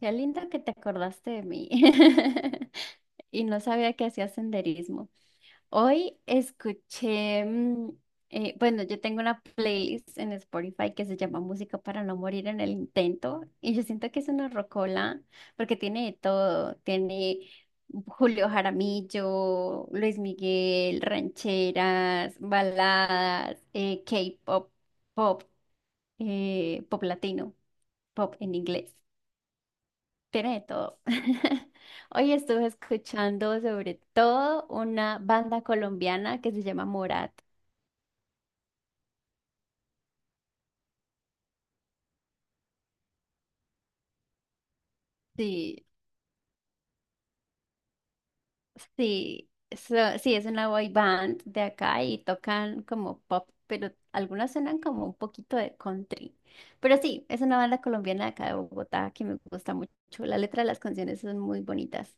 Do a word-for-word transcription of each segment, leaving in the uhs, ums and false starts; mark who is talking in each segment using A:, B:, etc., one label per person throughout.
A: Qué lindo que te acordaste de mí. Y no sabía que hacía senderismo. Hoy escuché, mm, eh, bueno, Yo tengo una playlist en Spotify que se llama Música para no morir en el intento. Y yo siento que es una rocola porque tiene de todo. Tiene Julio Jaramillo, Luis Miguel, rancheras, baladas, eh, K-pop, pop, eh, pop latino, pop en inglés. Tiene de todo. Hoy estuve escuchando sobre todo una banda colombiana que se llama Morat. Sí, Sí, so- sí, es una boy band de acá y tocan como pop, pero algunas suenan como un poquito de country. Pero sí, es una banda colombiana de acá de Bogotá que me gusta mucho. La letra de las canciones son muy bonitas.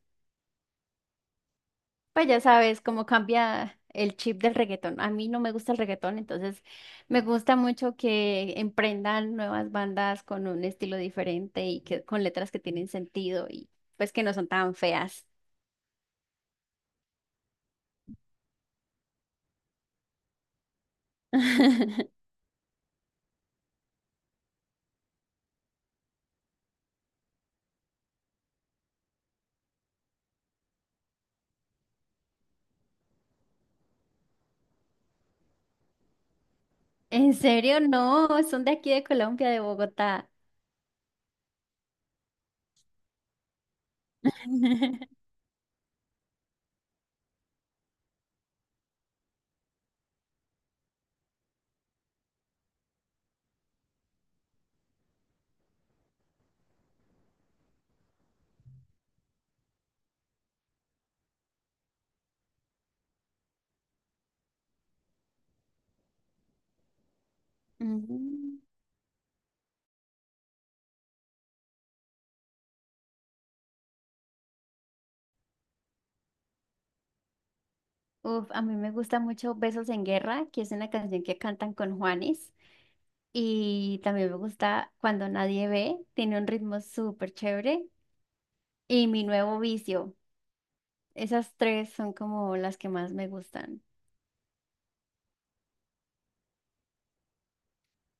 A: Pues ya sabes cómo cambia el chip del reggaetón. A mí no me gusta el reggaetón, entonces me gusta mucho que emprendan nuevas bandas con un estilo diferente y que con letras que tienen sentido y pues que no son tan feas. En serio, no, son de aquí de Colombia, de Bogotá. Mm. Uf, a mí me gusta mucho Besos en Guerra, que es una canción que cantan con Juanes. Y también me gusta Cuando Nadie Ve, tiene un ritmo súper chévere. Y mi nuevo vicio. Esas tres son como las que más me gustan.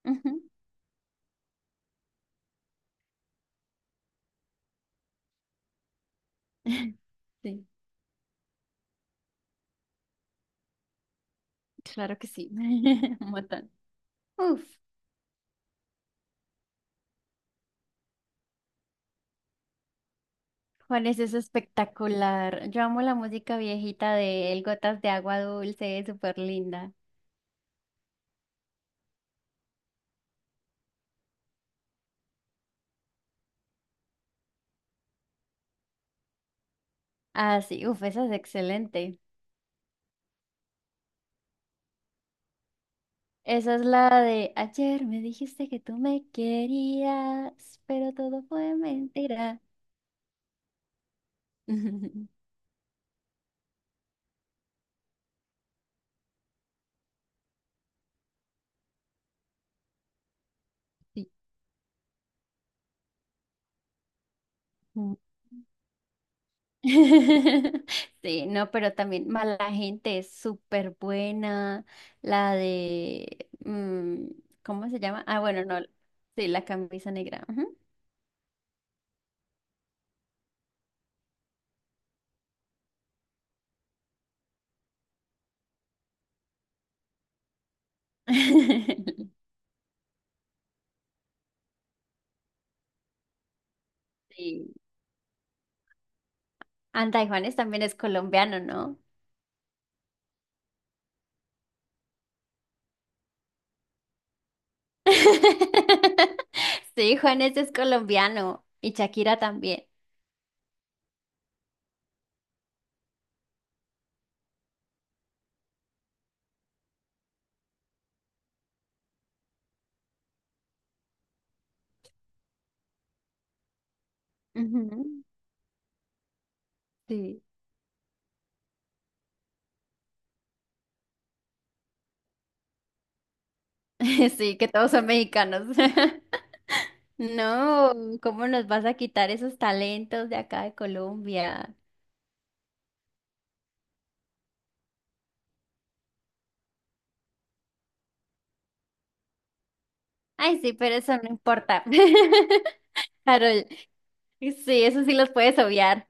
A: Ujú. Sí, claro que sí. Un montón. Uf, Juan, es eso espectacular. Yo amo la música viejita de el Gotas de Agua Dulce, es súper linda. Ah, sí, uf, esa es excelente. Esa es la de ayer me dijiste que tú me querías, pero todo fue mentira. Sí. Sí, no, pero también mala gente es súper buena. La de, mm, ¿cómo se llama? Ah, bueno, no. Sí, la camisa negra. Ujú. Sí. Anda, y Juanes también es colombiano, ¿no? Sí, Juanes es colombiano y Shakira también. Ujú. Sí. Sí, que todos son mexicanos. No, ¿cómo nos vas a quitar esos talentos de acá de Colombia? Ay, sí, pero eso no importa. Carol, sí, eso sí los puedes obviar.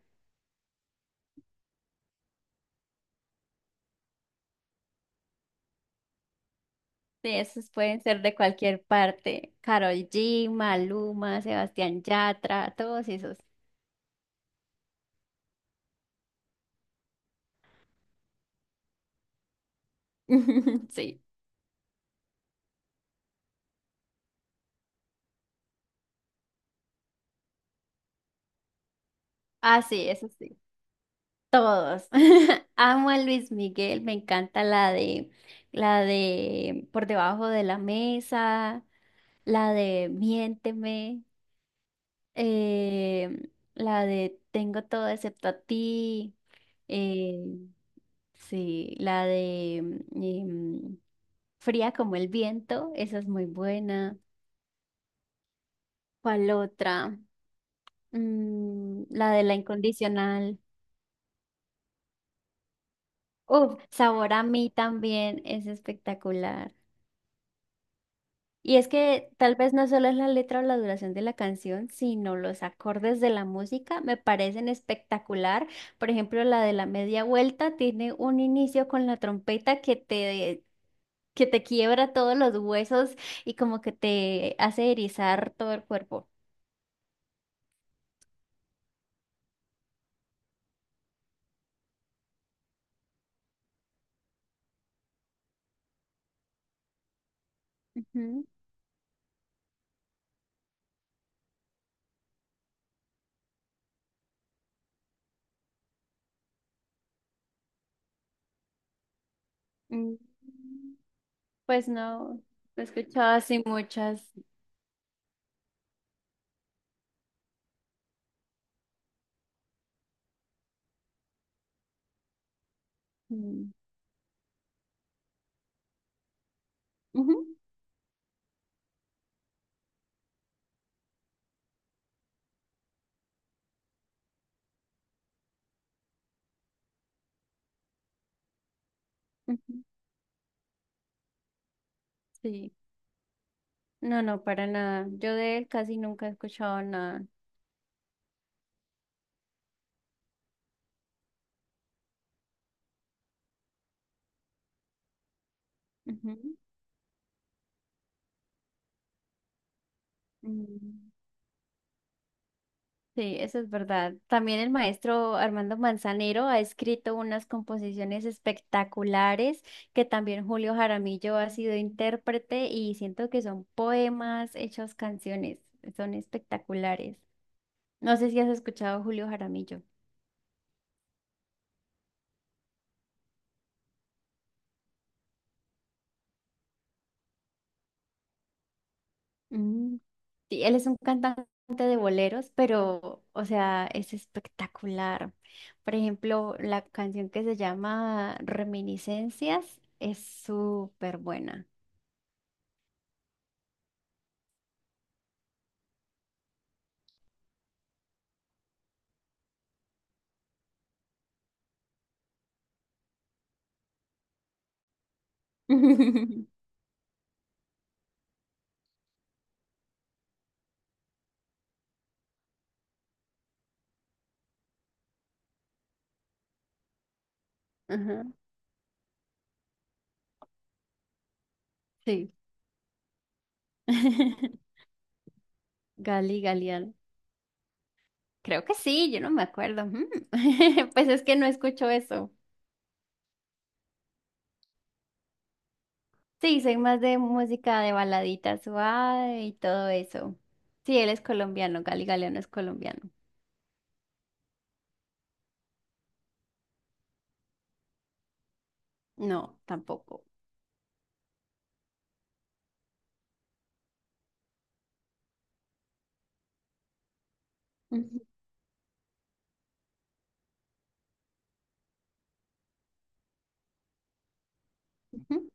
A: Sí, esos pueden ser de cualquier parte. Carol G, Maluma, Sebastián Yatra, todos esos. Sí. Ah, sí, eso sí. Todos. Amo a Luis Miguel, me encanta la de la de Por debajo de la mesa, la de Miénteme, eh, la de Tengo todo excepto a ti. em, Sí, la de em, Fría como el viento, esa es muy buena. ¿Cuál otra? Mm, la de la incondicional. Uf, Sabor a mí también es espectacular. Y es que tal vez no solo es la letra o la duración de la canción, sino los acordes de la música me parecen espectacular. Por ejemplo, la de la media vuelta tiene un inicio con la trompeta que te que te quiebra todos los huesos y como que te hace erizar todo el cuerpo. Ujú. Mm, Pues no, no he escuchado así muchas. Mm. Ujú. Ujú. Sí. No, no, para nada. Yo de él casi nunca he escuchado nada. Ujú. Mm. Sí, eso es verdad. También el maestro Armando Manzanero ha escrito unas composiciones espectaculares que también Julio Jaramillo ha sido intérprete y siento que son poemas hechos canciones. Son espectaculares. No sé si has escuchado a Julio Jaramillo. Mm. Sí, él es un cantante de boleros, pero, o sea, es espectacular. Por ejemplo, la canción que se llama Reminiscencias es súper buena. Ajá, sí. Gali, Galeano. Creo que sí, yo no me acuerdo. Mm. Pues es que no escucho eso. Sí, soy más de música de baladita suave y todo eso. Sí, él es colombiano, Gali Galeano es colombiano. No, tampoco. Ujú. Ujú.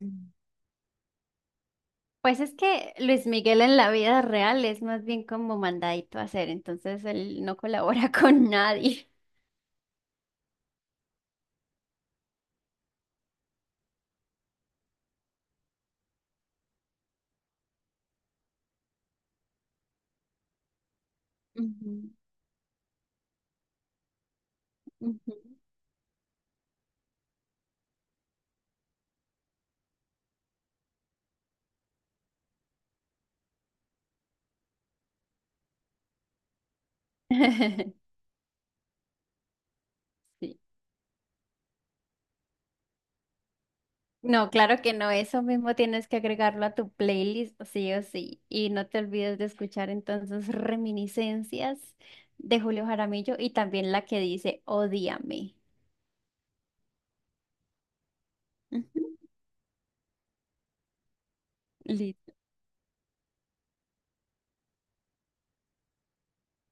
A: Mm. Pues es que Luis Miguel en la vida real es más bien como mandadito a hacer, entonces él no colabora con nadie. Ujú. Ujú. Sí. No, claro que no, eso mismo tienes que agregarlo a tu playlist, sí o sí. Y no te olvides de escuchar entonces Reminiscencias de Julio Jaramillo y también la que dice Odíame. Ujú. Listo.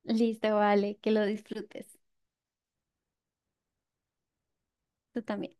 A: Listo, vale, que lo disfrutes. Tú también.